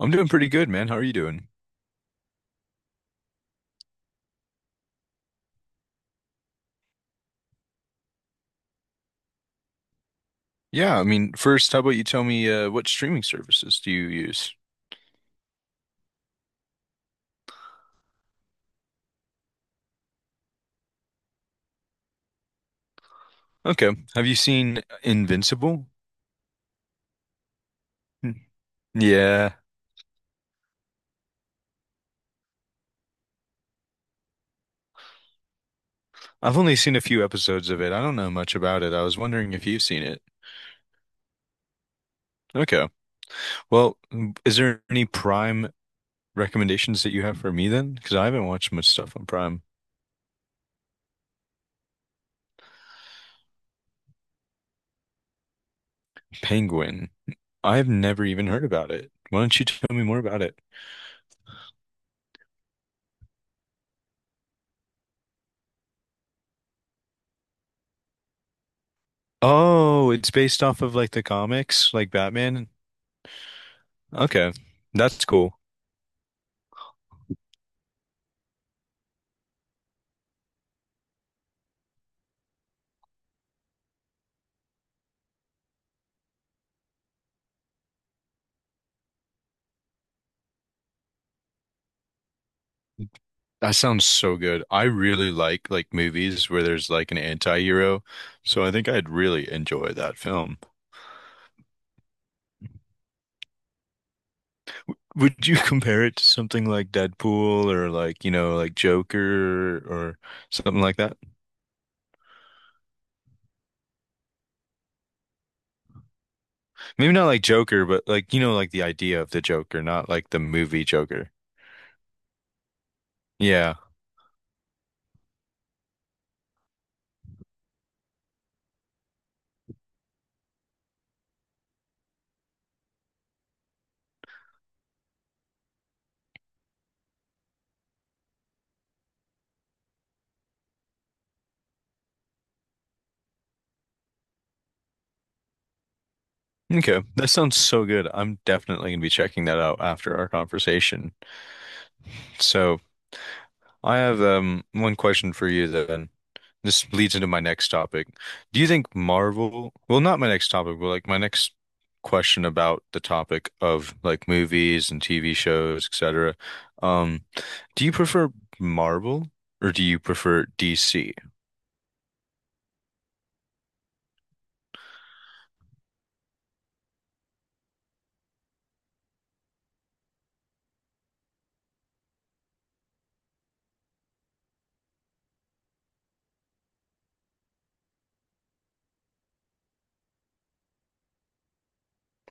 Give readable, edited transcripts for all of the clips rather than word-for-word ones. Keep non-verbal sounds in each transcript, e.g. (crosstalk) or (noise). I'm doing pretty good, man. How are you doing? Yeah, I mean, first, how about you tell me what streaming services do you use? Okay. Have you seen Invincible? Hmm. Yeah, I've only seen a few episodes of it. I don't know much about it. I was wondering if you've seen it. Okay. Well, is there any Prime recommendations that you have for me then? Because I haven't watched much stuff on Prime. Penguin. I've never even heard about it. Why don't you tell me more about it? Oh, it's based off of like the comics, like Batman. Okay. That's cool. That sounds so good. I really like movies where there's like an anti-hero, so I think I'd really enjoy that film. Would you (laughs) compare it to something like Deadpool or like, you know, like Joker or something like that? Maybe not like Joker, but like, you know, like the idea of the Joker, not like the movie Joker. Yeah. Okay. That sounds so good. I'm definitely going to be checking that out after our conversation. So I have one question for you then. This leads into my next topic. Do you think Marvel, well, not my next topic, but like my next question about the topic of like movies and TV shows, etc. Um, do you prefer Marvel or do you prefer DC?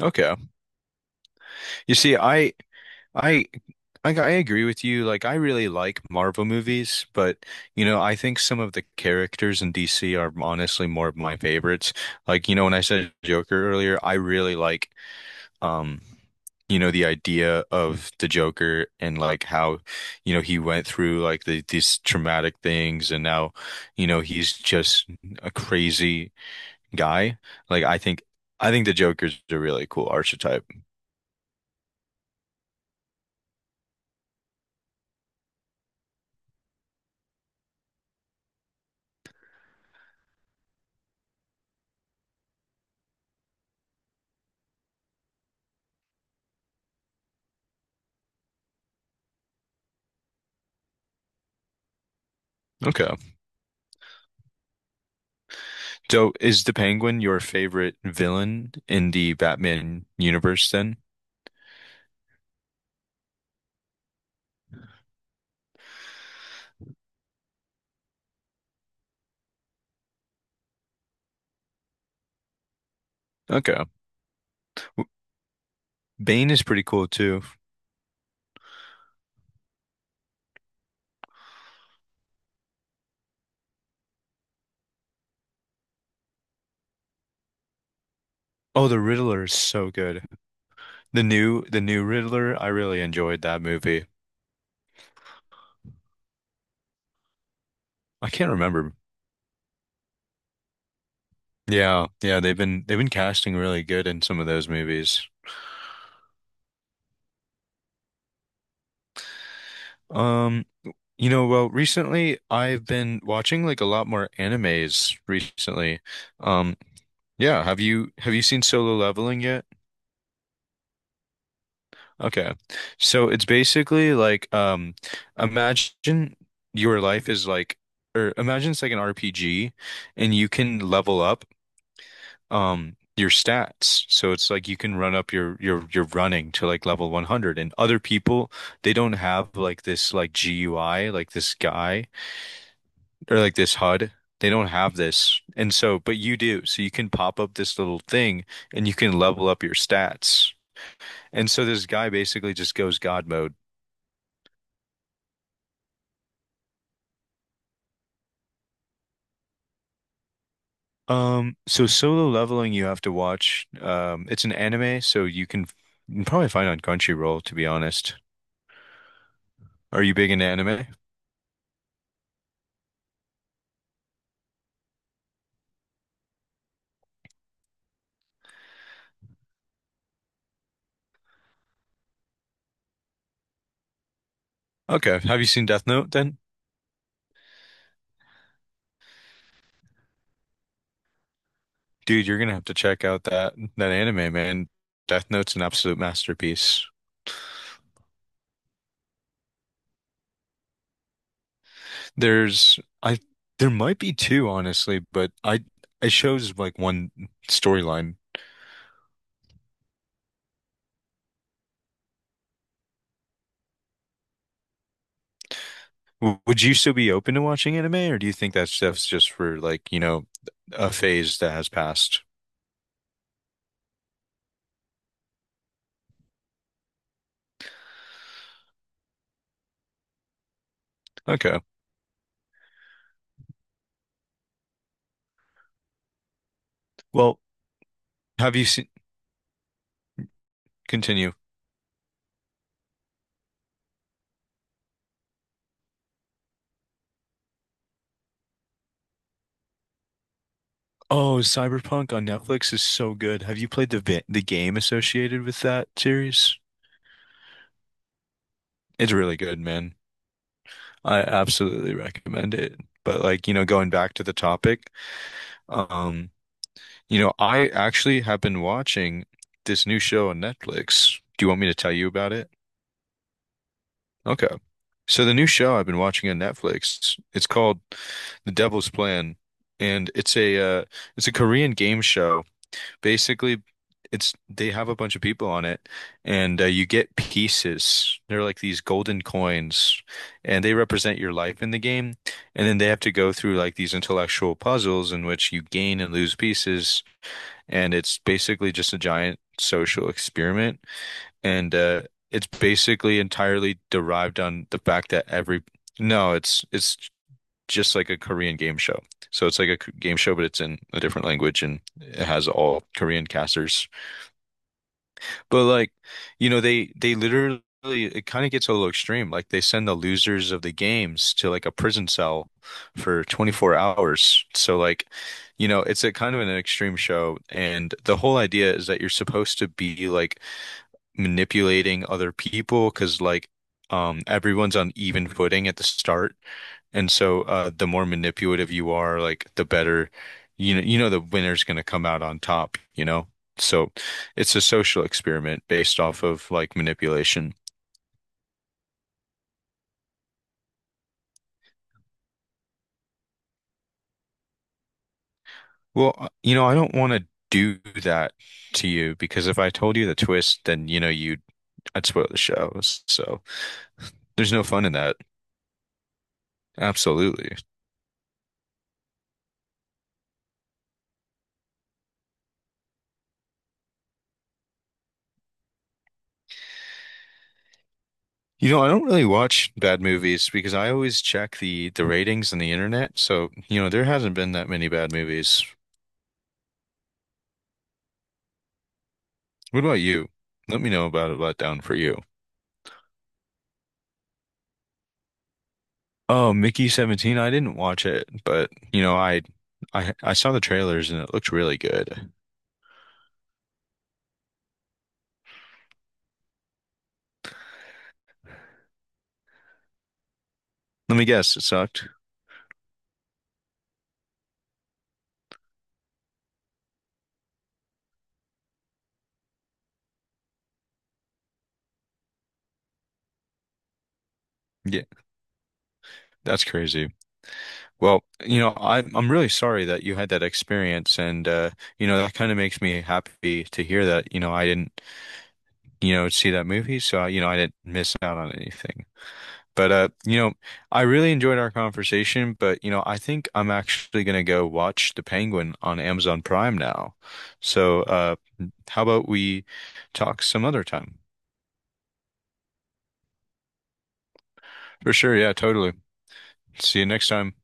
Okay. You see, I I agree with you. Like I really like Marvel movies, but you know, I think some of the characters in DC are honestly more of my favorites. Like, you know, when I said Joker earlier, I really like um you know the idea of the Joker and like how you know he went through like these traumatic things and now you know he's just a crazy guy like I think the Joker's a really cool archetype. Okay. So is the Penguin your favorite villain in the Batman universe then? Okay. Bane is pretty cool too. Oh, the Riddler is so good. The new Riddler, I really enjoyed that movie. I can't remember. Yeah, yeah, they've been casting really good in some of those movies. Um, you know, well, recently I've been watching like a lot more animes recently. Um, yeah, have you seen Solo Leveling yet? Okay. So it's basically like imagine your life is like or imagine it's like an RPG and you can level up your stats. So it's like you can run up your running to like level 100 and other people they don't have like this like GUI like this guy or like this HUD. They don't have this. And so but you do. So you can pop up this little thing and you can level up your stats. And so this guy basically just goes God mode. So Solo Leveling you have to watch. It's an anime, so you can probably find it on Crunchyroll, to be honest. Are you big into anime? Okay. Have you seen Death Note then? Dude, you're gonna have to check out that anime, man. Death Note's an absolute masterpiece. There's I there might be two, honestly, but I it shows like one storyline. W- Would you still be open to watching anime, or do you think that stuff's just for like, you know, a phase that has passed? Okay. Well, have you seen, continue. Oh, Cyberpunk on Netflix is so good. Have you played the game associated with that series? It's really good, man. I absolutely recommend it. But like, you know, going back to the topic, um, you know, I actually have been watching this new show on Netflix. Do you want me to tell you about it? Okay. So the new show I've been watching on Netflix, it's called The Devil's Plan, and it's a Korean game show. Basically, it's they have a bunch of people on it, and you get pieces. They're like these golden coins, and they represent your life in the game. And then they have to go through like these intellectual puzzles in which you gain and lose pieces, and it's basically just a giant social experiment and it's basically entirely derived on the fact that every no, it's just like a Korean game show. So it's like a K- game show, but it's in a different language and it has all Korean casters. But like, you know, they literally it kind of gets a little extreme. Like they send the losers of the games to like a prison cell for 24 hours. So like, you know, it's a kind of an extreme show, and the whole idea is that you're supposed to be like manipulating other people because like everyone's on even footing at the start. And so the more manipulative you are, like the better you know the winner's gonna come out on top, you know? So it's a social experiment based off of like manipulation. Well, you know, I don't want to do that to you because if I told you the twist, then you'd I'd spoil the show. So there's no fun in that. Absolutely. You know, I don't really watch bad movies because I always check the ratings on the internet. So, you know, there hasn't been that many bad movies. What about you? Let me know about a letdown for you. Oh, Mickey 17, I didn't watch it, but you know, I I saw the trailers and it looked really good. Let me guess, it sucked. Yeah, that's crazy. Well, you know, I'm really sorry that you had that experience and you know, that kind of makes me happy to hear that, you know, I didn't, you know, see that movie, so I, you know, I didn't miss out on anything. But you know, I really enjoyed our conversation, but you know, I think I'm actually gonna go watch The Penguin on Amazon Prime now. So how about we talk some other time? For sure, yeah, totally. See you next time.